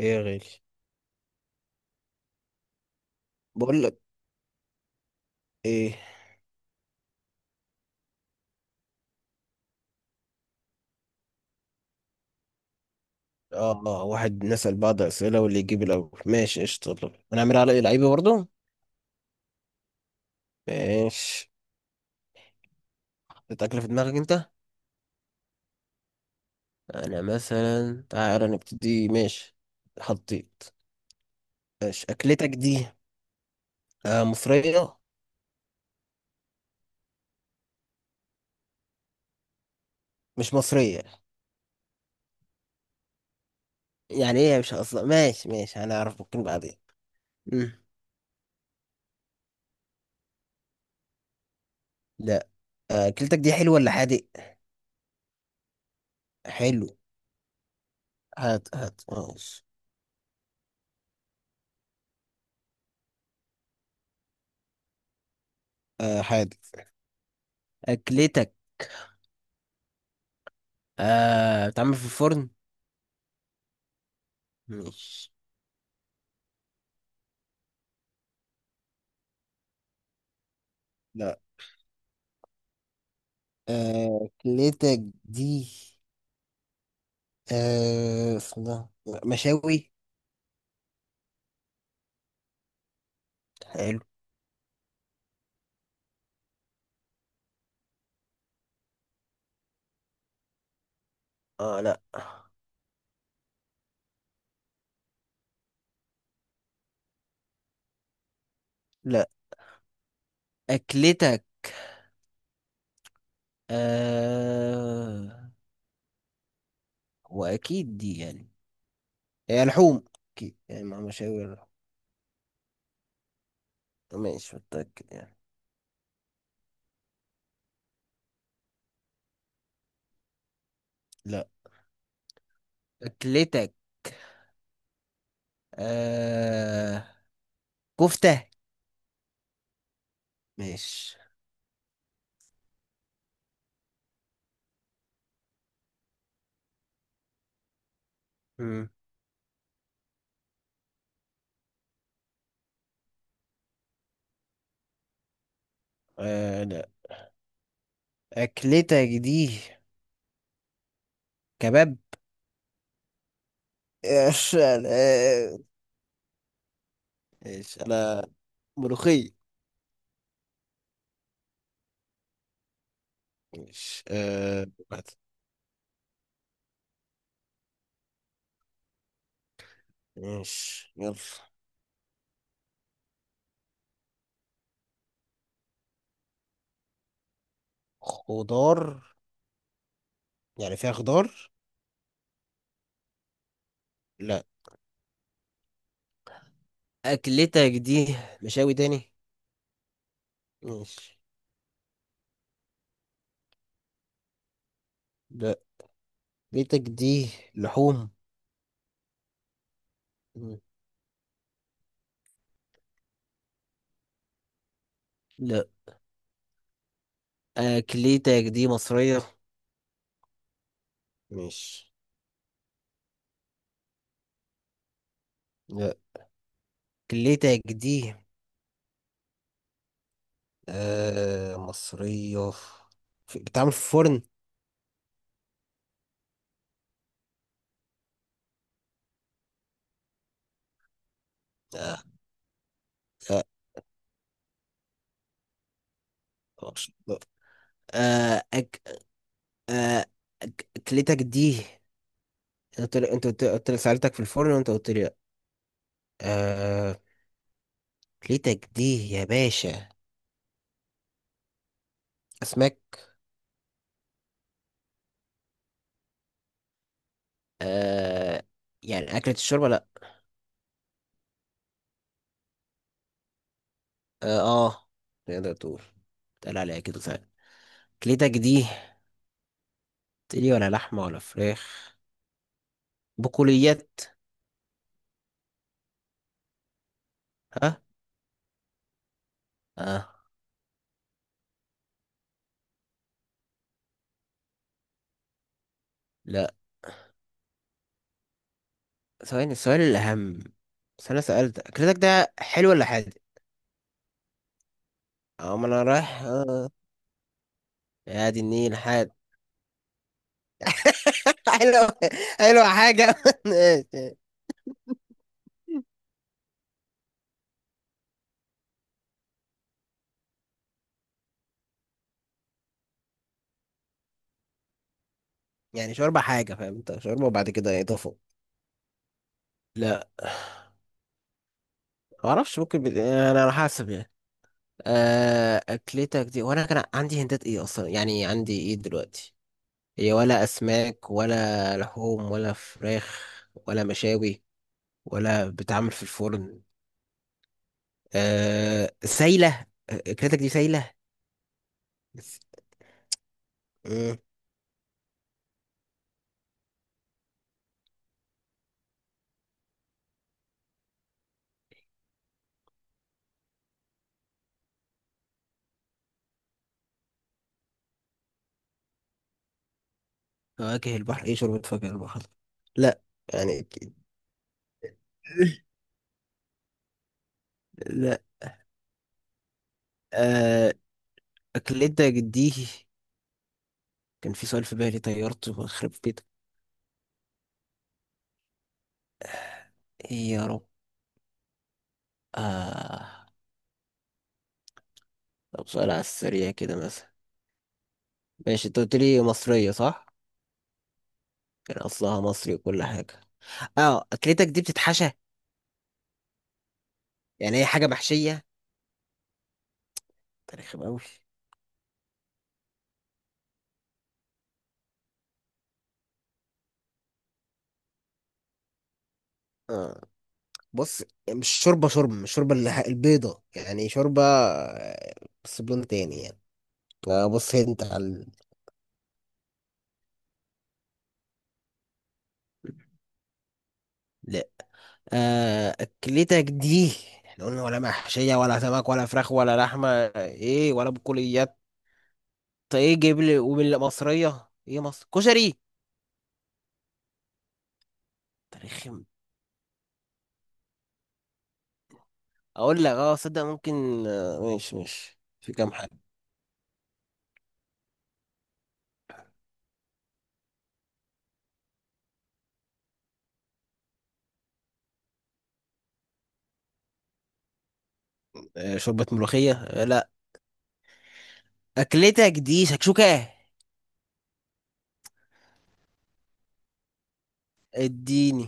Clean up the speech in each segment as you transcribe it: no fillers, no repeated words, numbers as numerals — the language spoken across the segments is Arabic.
ايه يا غالي؟ بقول لك ايه. اه، واحد نسأل بعض اسئله واللي يجيب الاول ماشي قشطه. يلا، هنعمل على إيه؟ لعيبه برضه. ماشي. حطيت اكله في دماغك انت؟ انا مثلا تعالى نبتدي. ماشي، حطيت. ماشي، اكلتك دي آه مصريه؟ مش مصريه؟ يعني ايه مش اصلا؟ ماشي ماشي، هنعرف ممكن بعدين. مم. لا. آه، اكلتك دي حلوه ولا حادق؟ حلو؟ هات هات ماشي. آه حادق. اكلتك آه بتعمل في الفرن؟ ماشي. لا. آه أكلتك دي آه اسمها مشاوي. حلو. اه لا. لا أكلتك آه وأكيد دي يعني هي لحوم، أكيد يعني مع مشاوي اللحوم. ماشي متأكد يعني. لا أكلتك آه كفتة. ماشي. مم. آه لا، أكلتك دي كباب. إيش أنا؟ إيش أنا؟ ملوخية. ماشي. آه واحد. ماشي يلا. خضار؟ يعني فيها خضار. لا أكلتك دي مشاوي تاني. ماشي. لا أكلتك دي لحوم. مم. لا أكلتك دي مصرية. ماشي. لا أكلتك دي آه مصرية، بتعمل في فرن. آه لا. معرفش. لا. آه أك... آه أكلتك دي، أنت قلت لي، أنت قلت لي سألتك في الفرن وأنت قلت لي لأ. آه ليتك دي يا باشا أسماك. آه يعني أكلة الشوربة لأ. آه, آه تقدر تقول، تقال عليها كده فعلا. كليتك دي تقلي، ولا لحمة، ولا فراخ، بقوليات. ها. آه لأ. ثواني، السؤال الأهم: بس أنا سألت أكلتك ده حلو ولا حادق؟ أه ما أنا رايح آه. يا دي النيل حادق. حلو. حلو حاجة ماشي. يعني شوربة حاجة فاهم أنت، شوربة وبعد كده إضافة. لا، ما اعرفش ممكن آه، انا على حسب يعني. آه، اكلتك دي وانا كان عندي هندات ايه اصلا يعني؟ عندي ايه دلوقتي؟ هي ولا اسماك، ولا لحوم، ولا فراخ، ولا مشاوي، ولا بتعمل في الفرن. أه سايله، اكلتك دي سايله. بس- مم. فواكه البحر ايه؟ شوربه فواكه البحر؟ لا يعني لا. أه اكلتك دي كان في سؤال في بالي طيرته، بخرب بيتك. إيه يا رب. آه. طب سؤال على السريع كده مثلا. ماشي انت قلت لي مصرية صح؟ كان أصلها مصري وكل حاجة. اه أكلتك دي بتتحشى؟ يعني هي حاجة محشية؟ تاريخ أوي. اه بص، مش شوربة شوربة، مش شوربة اللي البيضة يعني، شوربة آه، بس بلون تاني يعني. آه بص انت على لا. آه أكلتك دي، احنا قلنا ولا محشية، ولا سمك، ولا فراخ، ولا لحمة، ايه، ولا بقوليات. طيب، ايه جيب لي ومن مصرية، ايه مصر، كشري؟ تاريخ. اقول لك اه صدق، ممكن آه، ماشي ماشي في كام حاجه. آه، شوربه ملوخيه؟ آه، لا. اكلتك دي شكشوكه؟ اديني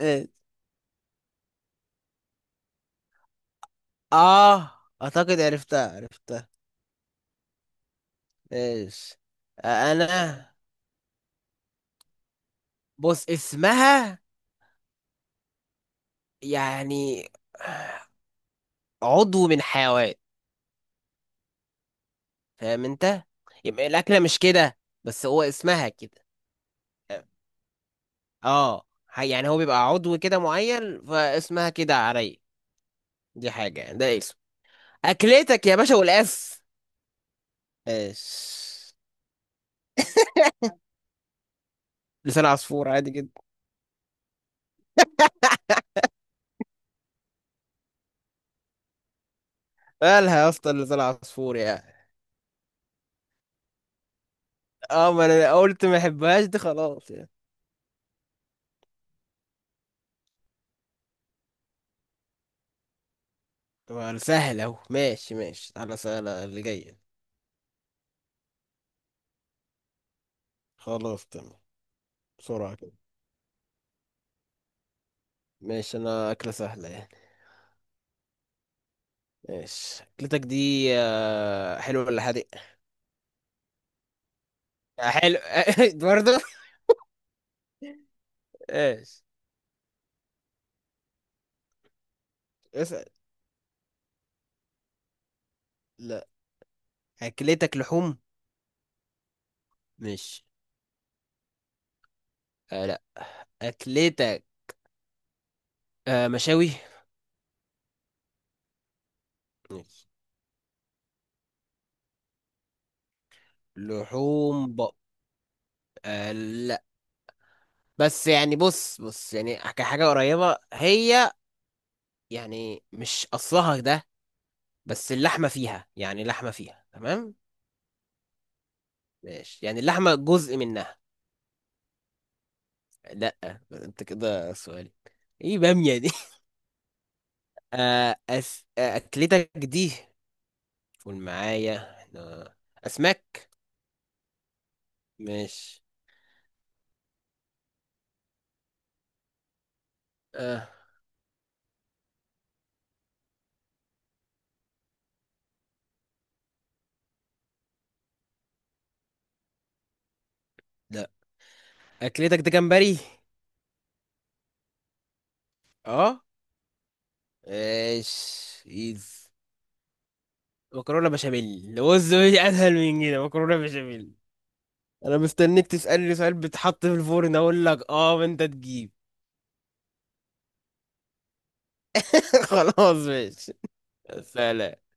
اه. آه، اعتقد عرفتها عرفتها. ايش؟ آه، انا بص اسمها يعني عضو من حيوان فاهم انت، يبقى الاكله مش كده بس هو اسمها كده. اه يعني هو بيبقى عضو كده معين، فاسمها كده عليا. دي حاجه، ده اسم. اكلتك يا باشا والاس. ايش؟ لسان عصفور، عادي جدا. مالها يا اسطى لسان عصفور يعني؟ اه ما انا قلت ما احبهاش دي، خلاص يعني. طبعا سهل اهو. ماشي ماشي على سهلة اللي جاية. خلاص تمام. بسرعة كده. ماشي انا اكلة سهلة يعني. ماشي اكلتك دي آه، حلوة ولا حادق؟ آه، حلو. برضه. ايش؟ اسأل. لا. اكلتك لحوم؟ ماشي. آه لا. اكلتك آه مشاوي؟ ماشي. لحوم بق آه لا، بس يعني بص بص يعني كحاجة قريبة هي، يعني مش أصلها ده، بس اللحمة فيها، يعني لحمة فيها تمام. ماشي يعني اللحمة جزء منها. لا. انت كده سؤالي، ايه بامية دي؟ آه أكلتك دي، قول معايا احنا، أسماك. ماشي. آه لا. أكلتك ده جمبري؟ اه. ماشي ايز. مكرونة بشاميل، بص مش أسهل من كده، مكرونة بشاميل. انا مستنيك تسألني سؤال بيتحط في الفرن اقول لك اه وانت تجيب. خلاص ماشي. سلام.